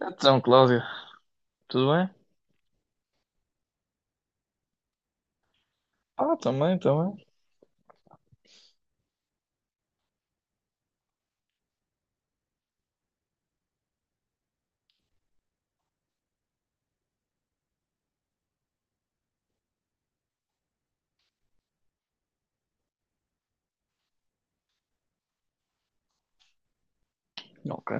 Então, Cláudio, tudo bem? Ah, também, também. Ok.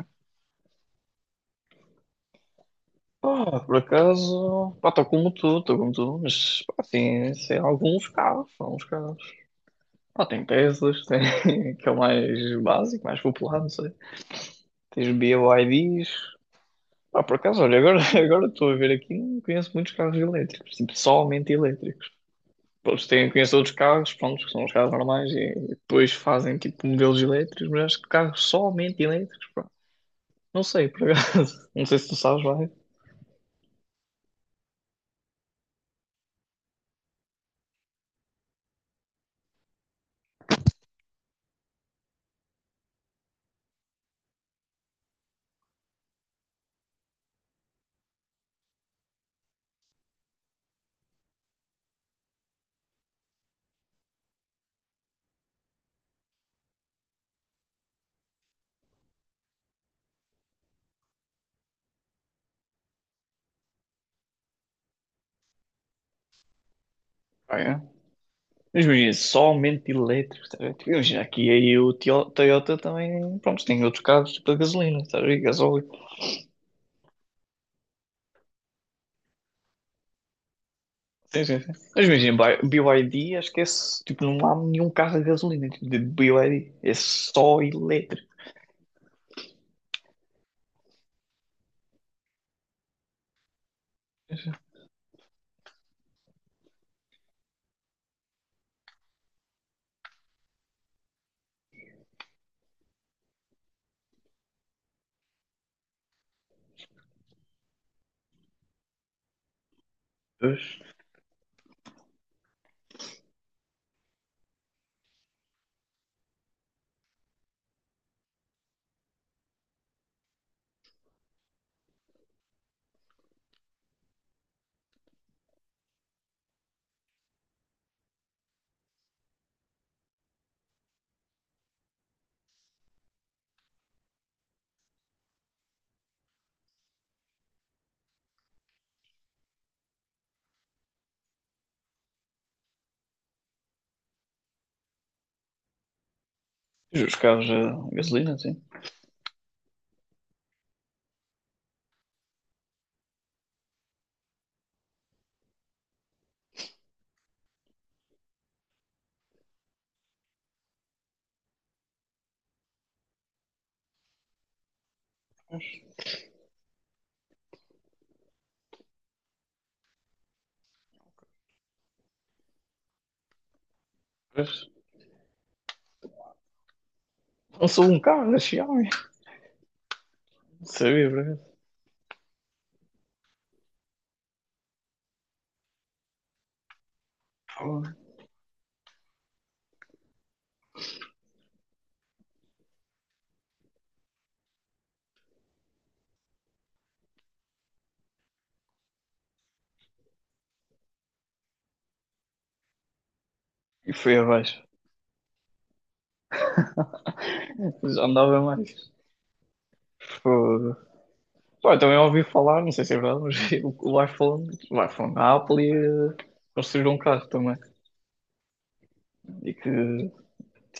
Ah, por acaso, pá, estou como tu, mas, pá, assim, sei, alguns carros, alguns carros. Ah, tem Teslas, tem, que é o mais básico, mais popular, não sei. Tens BYDs. Ah, por acaso, olha, agora agora estou a ver aqui, não conheço muitos carros elétricos, tipo, somente elétricos. Pois tem, conheço outros carros, pronto, que são os carros normais e depois fazem, tipo, modelos elétricos, mas acho que carros somente elétricos, pá. Não sei, por acaso. Não sei se tu sabes, vai. Ah, é? Mas imagina, só elétrico, tá a ver? Tipo, imagina, aqui aí o Toyota também, pronto, tem outros carros tipo a gasolina, tá a ver? Gasóleo. Sim, sim, sim. Mas imagina, BYD, acho que é, tipo, não há nenhum carro a gasolina, tipo, de BYD, é só elétrico. Pois. Mas os carros a gasolina, sim. Pois. Não sou um carro da Xiaomi, não sabia, por acaso. Fogo. E foi abaixo, já andava mais. Fogo. Pá, eu também ouvi falar, não sei se é verdade, mas a Apple ia construir um carro também. E que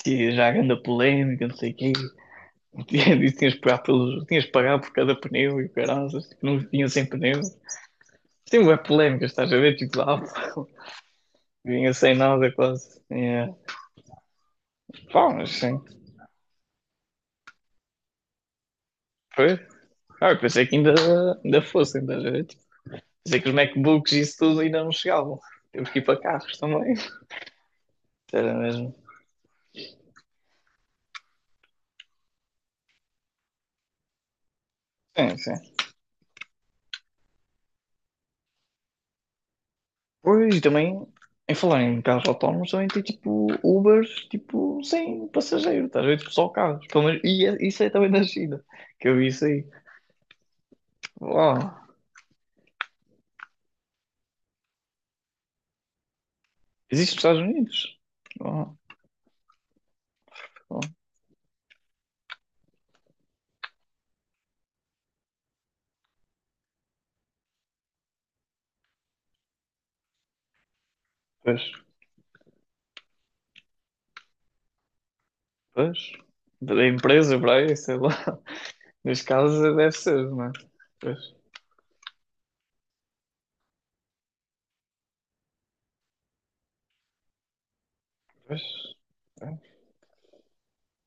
tinha já a grande polémica, não sei o quê. E tinhas de pagar por cada pneu e o caraças, tipo, não vinha sem pneu. Tem uma polémica, estás a ver? Tipo, a Apple vinha sem nada quase. Yeah. Pá, mas sim, foi. Ah, eu pensei que ainda, fossem, estás a ver? Tipo, pensei que os MacBooks e isso tudo ainda não chegavam. Temos que ir para carros também. Era mesmo. Sim, sim. Pois, e também, em falar em carros autónomos, também tem tipo Ubers, tipo, sem passageiro, estás a ver? Tipo, só carros. Pelo menos, e isso é também da China, que eu vi isso aí. Uau, existe nos Estados Unidos? Uau, uau. Pois, pois. Da empresa para aí, sei lá. Neste caso, deve ser, não é? Pois, pois.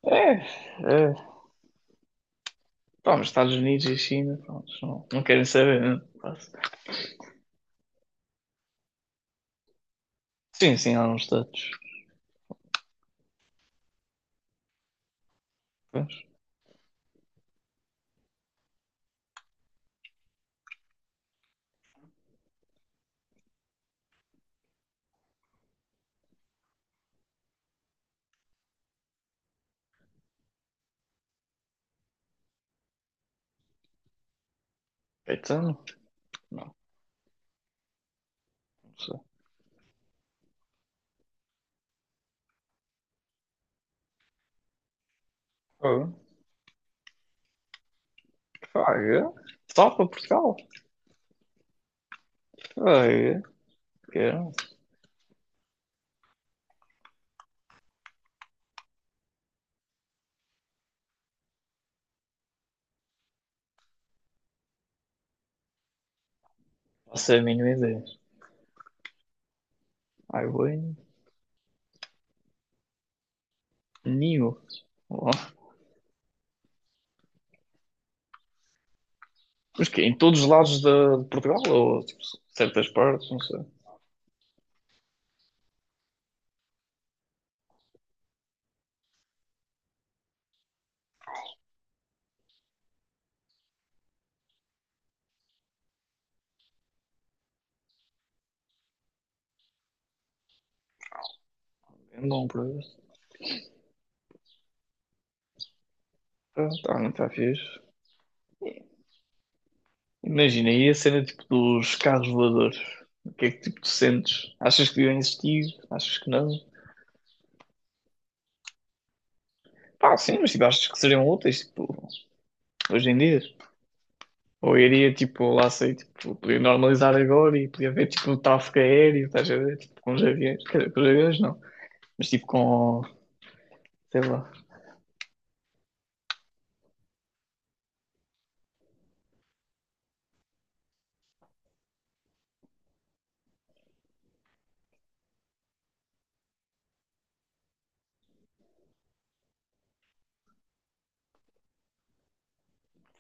É, é. Pá, mas Estados Unidos e China, pronto, não, não querem saber, né? Quase. Sim, sim, há uns status. Pois. Caetano? Não, não sei. Fraga. Só para Portugal. Fraga. Que eu não faço a mínima ideia. Ai, bem. Ninho. Oh. Mas que em todos os lados de Portugal ou tipo, certas partes, não sei. Não, por para ah, tá, não está fixe. Imagina aí a cena tipo dos carros voadores. O que é que tipo tu sentes? Achas que deviam existir? Achas que não? Pá, sim, mas tipo, achas que seriam úteis tipo, hoje em dia? Ou iria, tipo, lá sei, tipo, podia normalizar agora e podia ver, tipo, um tráfego aéreo, estás a ver, tipo, com os aviões, quer dizer, com os aviões não, mas tipo com, sei lá,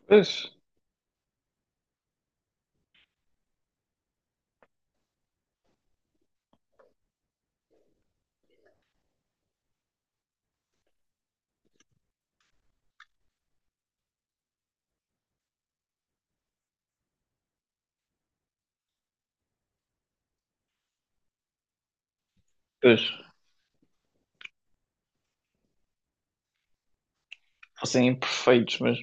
pois, pois, fossem imperfeitos mas,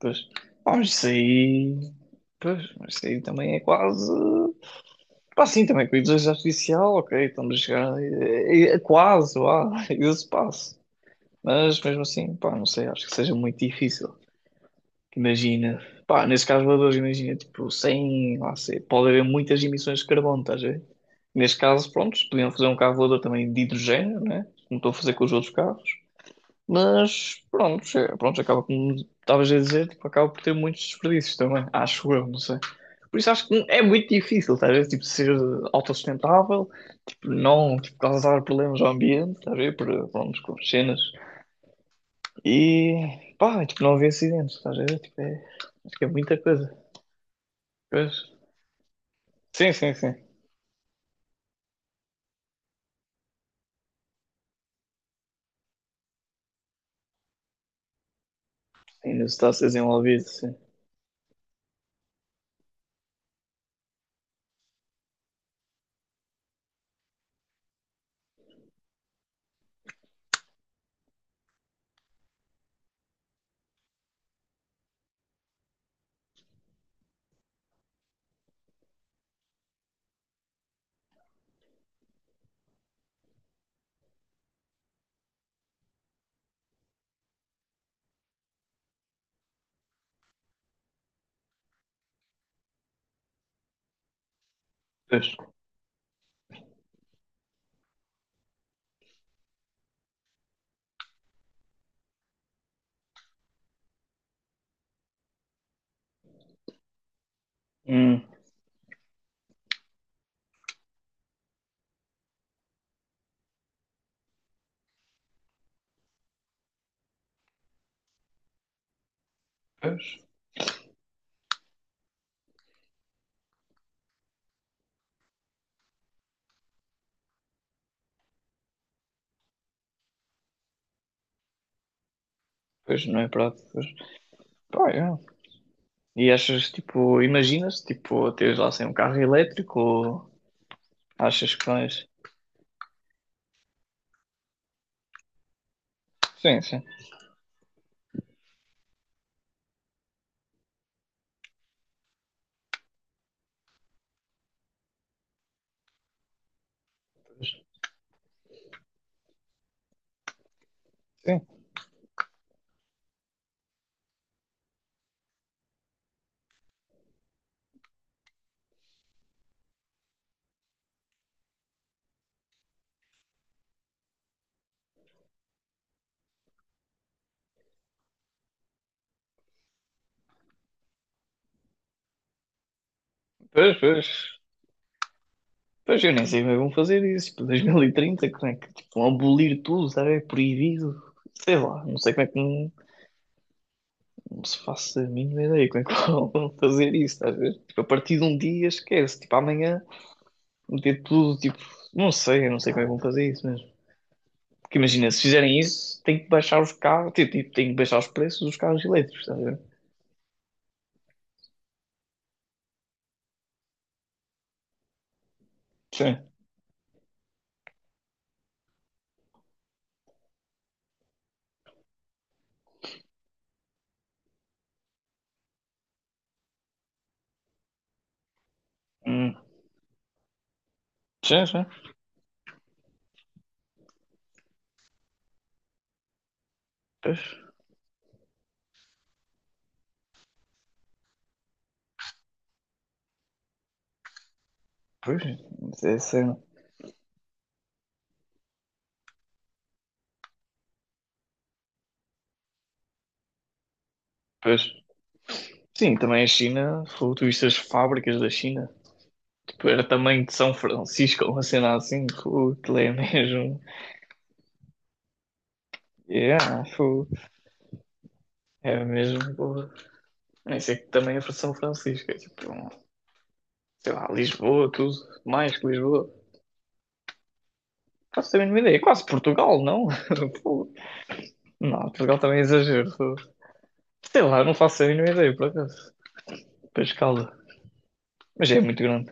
pois, pá, mas isso aí, pois, mas isso aí também é quase, pá, sim, também com a inteligência artificial, ok, estamos a chegar, é quase, lá, esse passo, mas mesmo assim, pá, não sei, acho que seja muito difícil, imagina, pá, nesses carros voadores, imagina, tipo, sem, lá sei, pode haver muitas emissões de carbono, estás a ver? Neste caso, pronto, podiam fazer um carro voador também de hidrogênio, né? Como estou a fazer com os outros carros, mas pronto, pronto, acaba como estavas a dizer, tipo, acaba por ter muitos desperdícios também, acho eu, não sei. Por isso acho que é muito difícil, estás a ver? Tipo, ser autossustentável, tipo, não, tipo, causar problemas ao ambiente, estás a ver? Por, pronto, com cenas. E, pá, tipo, não haver acidentes, estás a ver? Tipo, é, acho que é muita coisa. Pois. Sim, sim, sim. Ainda está a ser desenvolvido, sim. Pois. Hum. Pois. Pois, não é prático. Pois. Pá, é. E achas, tipo, imaginas, tipo, teres lá sem um carro elétrico ou achas que vais. Sim, sim. Pois. Sim. Pois, pois. Pois eu nem sei como é que vão fazer isso. Tipo, 2030, como é que tipo, vão abolir tudo, sabe? É proibido. Sei lá, não sei como é que não, não se faça a mínima ideia como é que vão fazer isso, estás a ver? Tipo, a partir de um dia esquece, tipo, amanhã meter tudo, tipo, não sei, eu não sei como é que vão fazer isso mesmo. Porque imagina, se fizerem isso, tem que baixar os carros, tipo, tem que baixar os preços dos carros elétricos, estás a ver? Sim. Hum. Sim, sim. Pois, pois, isso é a cena. Pois. Sim, também a China, fogo, tu viste as fábricas da China, tipo, era tamanho de São Francisco, uma cena assim, fogo, aquilo é mesmo. Yeah, fogo, é mesmo, fogo. Isso é que também é para São Francisco, é tipo, sei lá, Lisboa, tudo, mais que Lisboa. Faço a mínima ideia. Quase Portugal, não? Pô, não, Portugal também é exagero. Sei lá, não faço a mínima ideia, por acaso. Para a escala. Mas é muito grande.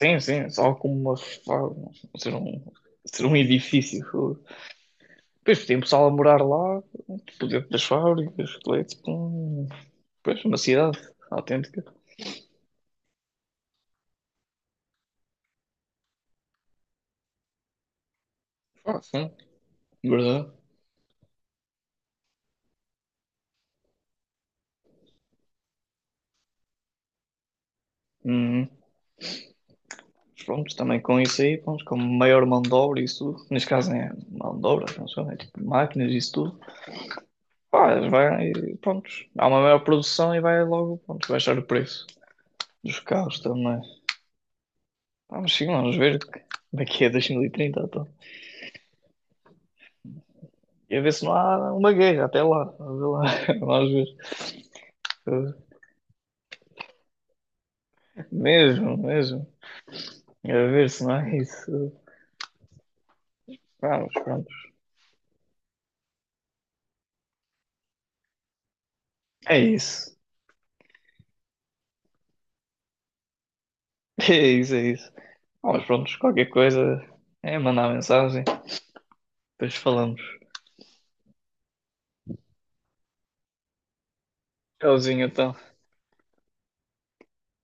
Sim, sim, é só como uma. Ser um, ser um edifício. Pô. Depois tem pessoal a morar lá, tipo, dentro das fábricas, leite, pum. Pois, uma cidade autêntica. Ah, sim, verdade. Uhum. Mas pronto, também com isso aí, pronto, com maior mão de obra e isso tudo. Neste caso é mão de obra, não sei, é tipo máquinas e isso tudo. Pá, vai, pronto, há uma maior produção e vai logo, pronto, baixar o preço dos carros também. Vamos sim, vamos ver daqui a 2030, então. E a ver se não há uma guerra até lá. Vamos ver. Lá. Vamos ver. Mesmo, mesmo. A ver se não é isso. Vamos, pronto. É isso. É isso, é isso. Vamos, pronto, qualquer coisa é mandar mensagem. Depois falamos. Tchauzinho, então.